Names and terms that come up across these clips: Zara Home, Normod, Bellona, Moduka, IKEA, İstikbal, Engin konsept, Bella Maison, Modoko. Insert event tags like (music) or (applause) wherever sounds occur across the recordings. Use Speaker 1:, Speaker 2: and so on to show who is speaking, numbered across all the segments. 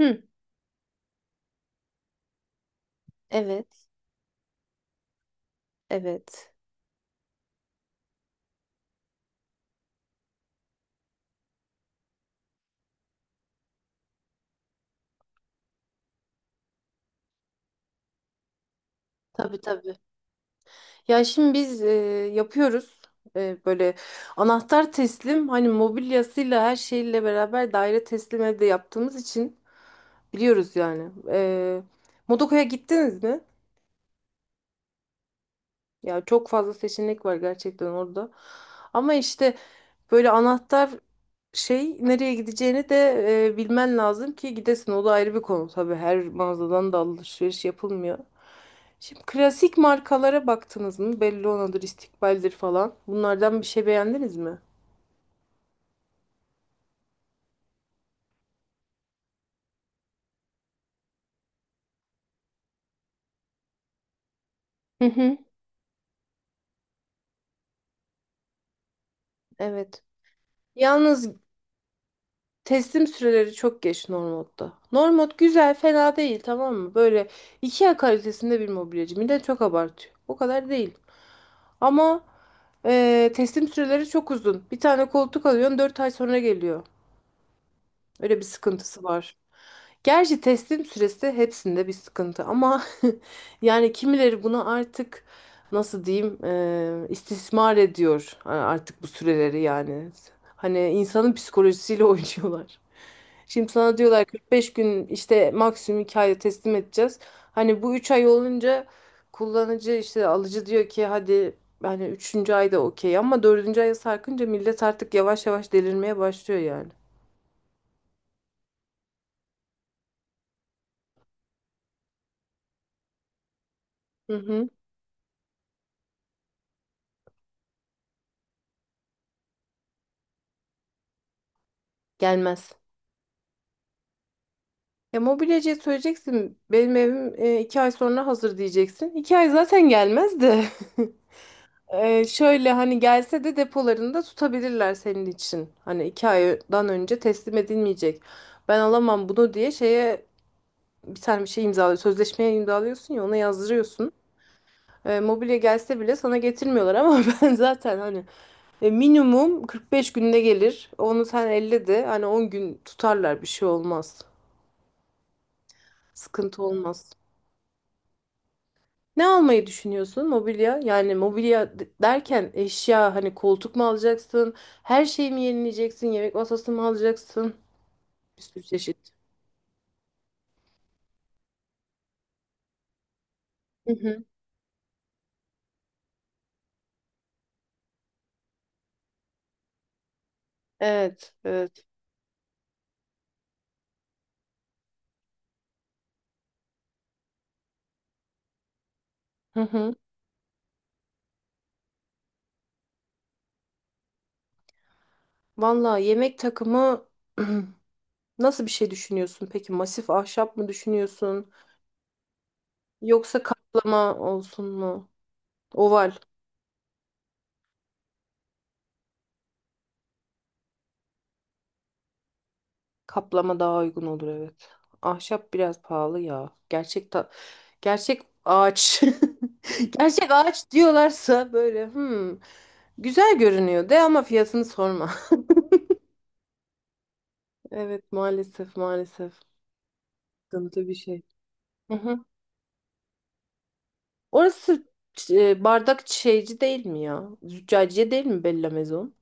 Speaker 1: Hı, evet, evet. Tabii tabii. Ya şimdi biz yapıyoruz. Böyle anahtar teslim, hani mobilyasıyla her şeyle beraber daire teslim evde yaptığımız için biliyoruz yani. Modoko'ya gittiniz mi? Ya çok fazla seçenek var gerçekten orada. Ama işte böyle anahtar şey nereye gideceğini de bilmen lazım ki gidesin. O da ayrı bir konu tabii. Her mağazadan da alışveriş yapılmıyor. Şimdi klasik markalara baktınız mı? Bellona'dır, İstikbal'dir falan. Bunlardan bir şey beğendiniz mi? Hı hı. Evet. Yalnız teslim süreleri çok geç Normod'da. Normod güzel, fena değil tamam mı? Böyle IKEA kalitesinde bir mobilyacı. Millet çok abartıyor. O kadar değil. Ama teslim süreleri çok uzun. Bir tane koltuk alıyorsun 4 ay sonra geliyor. Öyle bir sıkıntısı var. Gerçi teslim süresi hepsinde bir sıkıntı ama (laughs) yani kimileri bunu artık nasıl diyeyim istismar ediyor artık bu süreleri yani. Hani insanın psikolojisiyle (laughs) oynuyorlar. Şimdi sana diyorlar 45 gün, işte maksimum 2 ayda teslim edeceğiz. Hani bu 3 ay olunca kullanıcı işte alıcı diyor ki hadi, hani üçüncü ayda okey, ama dördüncü aya sarkınca millet artık yavaş yavaş delirmeye başlıyor yani. Hı hı. Gelmez. Ya mobilyacıya söyleyeceksin, benim evim 2 ay sonra hazır diyeceksin. 2 ay zaten gelmez de. (laughs) Şöyle hani gelse de depolarında tutabilirler senin için. Hani 2 aydan önce teslim edilmeyecek, ben alamam bunu diye şeye, bir tane bir şey imzalıyor. Sözleşmeye imzalıyorsun, ya ona yazdırıyorsun. Mobilya gelse bile sana getirmiyorlar ama (laughs) ben zaten hani minimum 45 günde gelir. Onu sen 50 de, hani 10 gün tutarlar, bir şey olmaz. Sıkıntı olmaz. Ne almayı düşünüyorsun? Mobilya. Yani mobilya derken eşya, hani koltuk mu alacaksın? Her şeyi mi yenileyeceksin? Yemek masası mı alacaksın? Bir sürü çeşit. Hı hı. Evet, evet. Hı hı. Valla yemek takımı (clears throat) nasıl bir şey düşünüyorsun? Peki masif ahşap mı düşünüyorsun? Yoksa kaplama olsun mu? Oval. Kaplama daha uygun olur, evet. Ahşap biraz pahalı ya. Gerçek ağaç. (laughs) Gerçek ağaç diyorlarsa böyle güzel görünüyor de ama fiyatını sorma. (laughs) Evet, maalesef maalesef. Sıkıntı bir şey. Hı hı. Orası bardak şeyci değil mi ya? Züccaciye değil mi Bella Maison?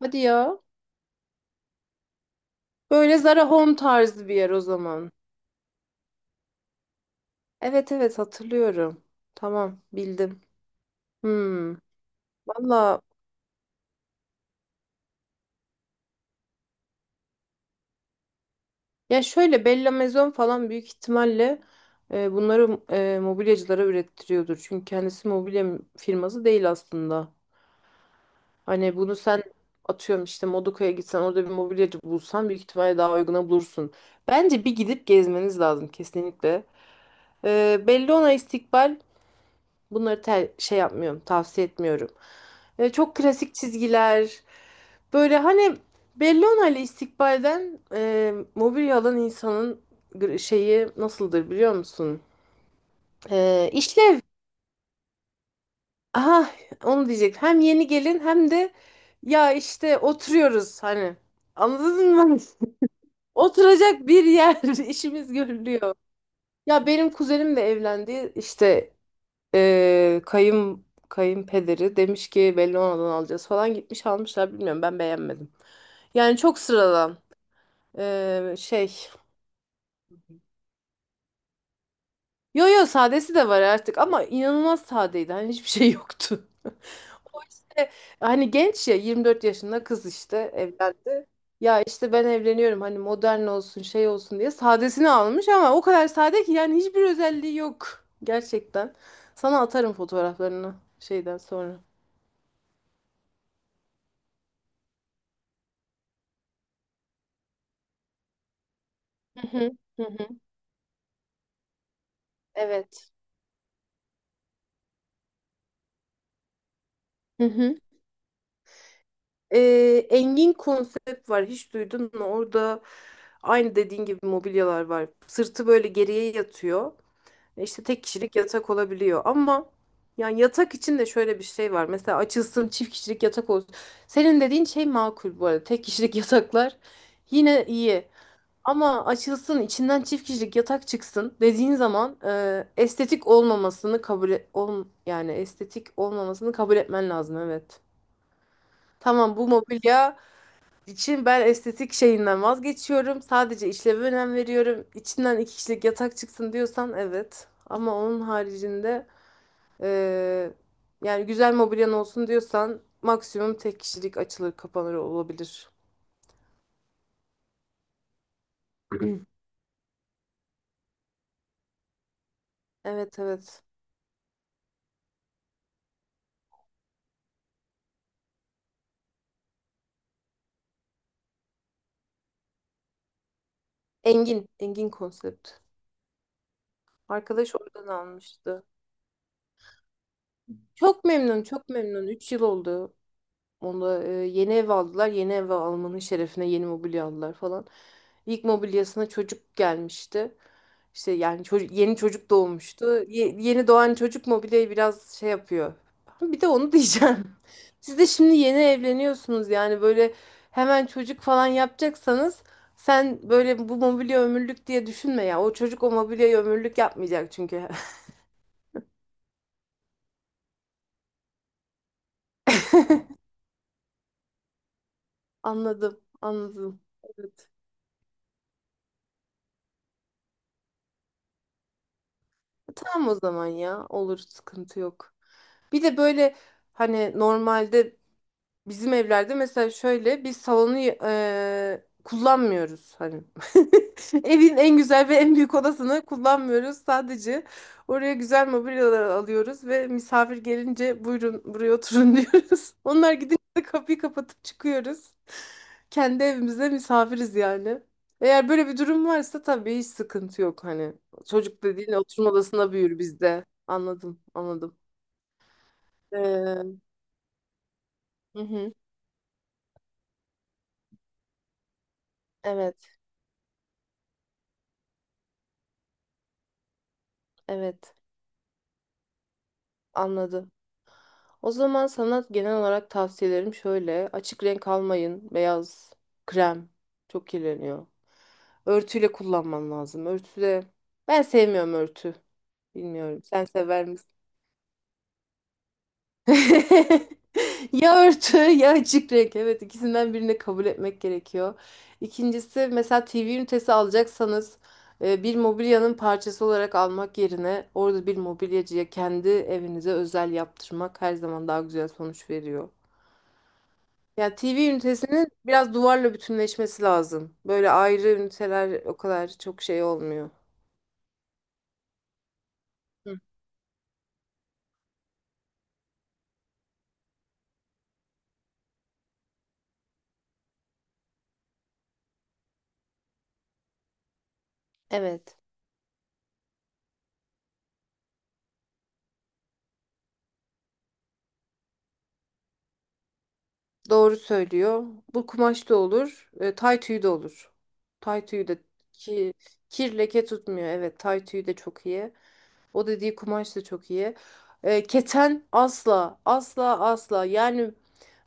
Speaker 1: Hadi ya. Böyle Zara Home tarzı bir yer o zaman. Evet evet, hatırlıyorum. Tamam, bildim. Hmm. Valla, ya şöyle Bella Maison falan büyük ihtimalle bunları mobilyacılara ürettiriyordur. Çünkü kendisi mobilya firması değil aslında. Hani bunu sen atıyorum işte Moduka'ya gitsen orada bir mobilyacı bulsan büyük ihtimalle daha uyguna bulursun. Bence bir gidip gezmeniz lazım kesinlikle. Bellona, İstikbal, bunları şey yapmıyorum, tavsiye etmiyorum. Çok klasik çizgiler. Böyle hani Bellona ile İstikbal'den mobilya alan insanın şeyi nasıldır biliyor musun? İşlev. Aha, onu diyecek. Hem yeni gelin hem de ya işte oturuyoruz hani. Anladın mı? (laughs) Oturacak bir yer, (laughs) işimiz görülüyor. Ya benim kuzenim de evlendi. İşte kayın kayınpederi demiş ki belli Bellona'dan alacağız falan, gitmiş almışlar, bilmiyorum, ben beğenmedim. Yani çok sıradan şey. Yo yo, sadesi de var artık ama inanılmaz sadeydi hani hiçbir (laughs) şey yoktu. E, Hani genç ya, 24 yaşında kız işte evlendi. Ya işte ben evleniyorum hani modern olsun şey olsun diye sadesini almış ama o kadar sade ki yani hiçbir özelliği yok gerçekten. Sana atarım fotoğraflarını şeyden sonra. Hı hı. Hı hı. Evet. Hı hı. Engin konsept var. Hiç duydun mu? Orada aynı dediğin gibi mobilyalar var. Sırtı böyle geriye yatıyor. E İşte tek kişilik yatak olabiliyor. Ama yani yatak için de şöyle bir şey var. Mesela açılsın çift kişilik yatak olsun. Senin dediğin şey makul bu arada. Tek kişilik (laughs) yataklar yine iyi. Ama açılsın içinden çift kişilik yatak çıksın dediğin zaman estetik olmamasını yani estetik olmamasını kabul etmen lazım, evet. Tamam, bu mobilya için ben estetik şeyinden vazgeçiyorum. Sadece işleve önem veriyorum. İçinden iki kişilik yatak çıksın diyorsan evet. Ama onun haricinde eee, yani güzel mobilyan olsun diyorsan maksimum tek kişilik açılır kapanır olabilir. (clears throat) Evet, evet. Engin. Engin konsept. Arkadaş oradan almıştı. Çok memnun, çok memnun. 3 yıl oldu. Onda yeni ev aldılar. Yeni ev almanın şerefine yeni mobilya aldılar falan. İlk mobilyasına çocuk gelmişti. İşte yani çocuk, yeni çocuk doğmuştu. Yeni doğan çocuk mobilyayı biraz şey yapıyor. (laughs) Bir de onu diyeceğim. (laughs) Siz de şimdi yeni evleniyorsunuz, yani böyle hemen çocuk falan yapacaksanız sen böyle bu mobilya ömürlük diye düşünme ya. O çocuk o mobilyayı ömürlük yapmayacak çünkü. (laughs) Anladım, anladım. Evet. Tamam o zaman ya. Olur, sıkıntı yok. Bir de böyle hani normalde bizim evlerde mesela şöyle biz salonu kullanmıyoruz hani. (laughs) Evin en güzel ve en büyük odasını kullanmıyoruz. Sadece oraya güzel mobilyalar alıyoruz ve misafir gelince buyurun buraya oturun (laughs) diyoruz. Onlar gidince de kapıyı kapatıp çıkıyoruz. Kendi evimizde misafiriz yani. Eğer böyle bir durum varsa tabii hiç sıkıntı yok hani. Çocuk dediğin oturma odasına büyür bizde. Anladım, anladım. Ee, Hı hı. Evet, evet. Anladım. O zaman sana genel olarak tavsiyelerim şöyle. Açık renk almayın. Beyaz, krem çok kirleniyor. Örtüyle kullanman lazım. Örtüde ben sevmiyorum örtü. Bilmiyorum. Sen sever. (laughs) Ya örtü ya açık renk. Evet, ikisinden birini kabul etmek gerekiyor. İkincisi, mesela TV ünitesi alacaksanız bir mobilyanın parçası olarak almak yerine orada bir mobilyacıya kendi evinize özel yaptırmak her zaman daha güzel sonuç veriyor. Yani TV ünitesinin biraz duvarla bütünleşmesi lazım. Böyle ayrı üniteler o kadar çok şey olmuyor. Hı. Evet. Doğru söylüyor. Bu kumaş da olur. Tay tüyü de olur. Tay tüyü de ki kir leke tutmuyor. Evet, tay tüyü de çok iyi. O dediği kumaş da çok iyi. Keten asla asla asla. Yani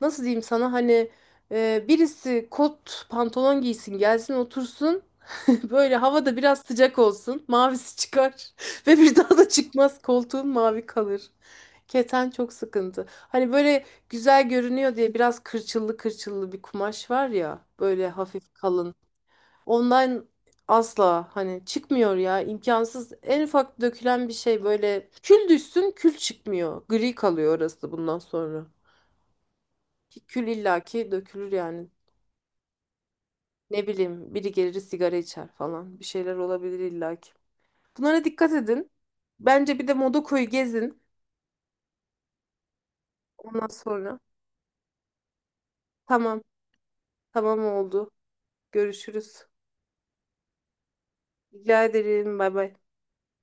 Speaker 1: nasıl diyeyim sana, hani birisi kot pantolon giysin gelsin otursun. Böyle havada biraz sıcak olsun. Mavisi çıkar. (laughs) Ve bir daha da çıkmaz. Koltuğun mavi kalır. Keten çok sıkıntı. Hani böyle güzel görünüyor diye biraz kırçıllı kırçıllı bir kumaş var ya. Böyle hafif kalın. Ondan asla hani çıkmıyor ya. İmkansız. En ufak dökülen bir şey, böyle kül düşsün, kül çıkmıyor. Gri kalıyor orası bundan sonra. Ki kül illaki dökülür yani. Ne bileyim biri gelir sigara içer falan. Bir şeyler olabilir illaki. Bunlara dikkat edin. Bence bir de Modoko'yu gezin. Ondan sonra. Tamam. Tamam oldu. Görüşürüz. Rica ederim. Bay bay.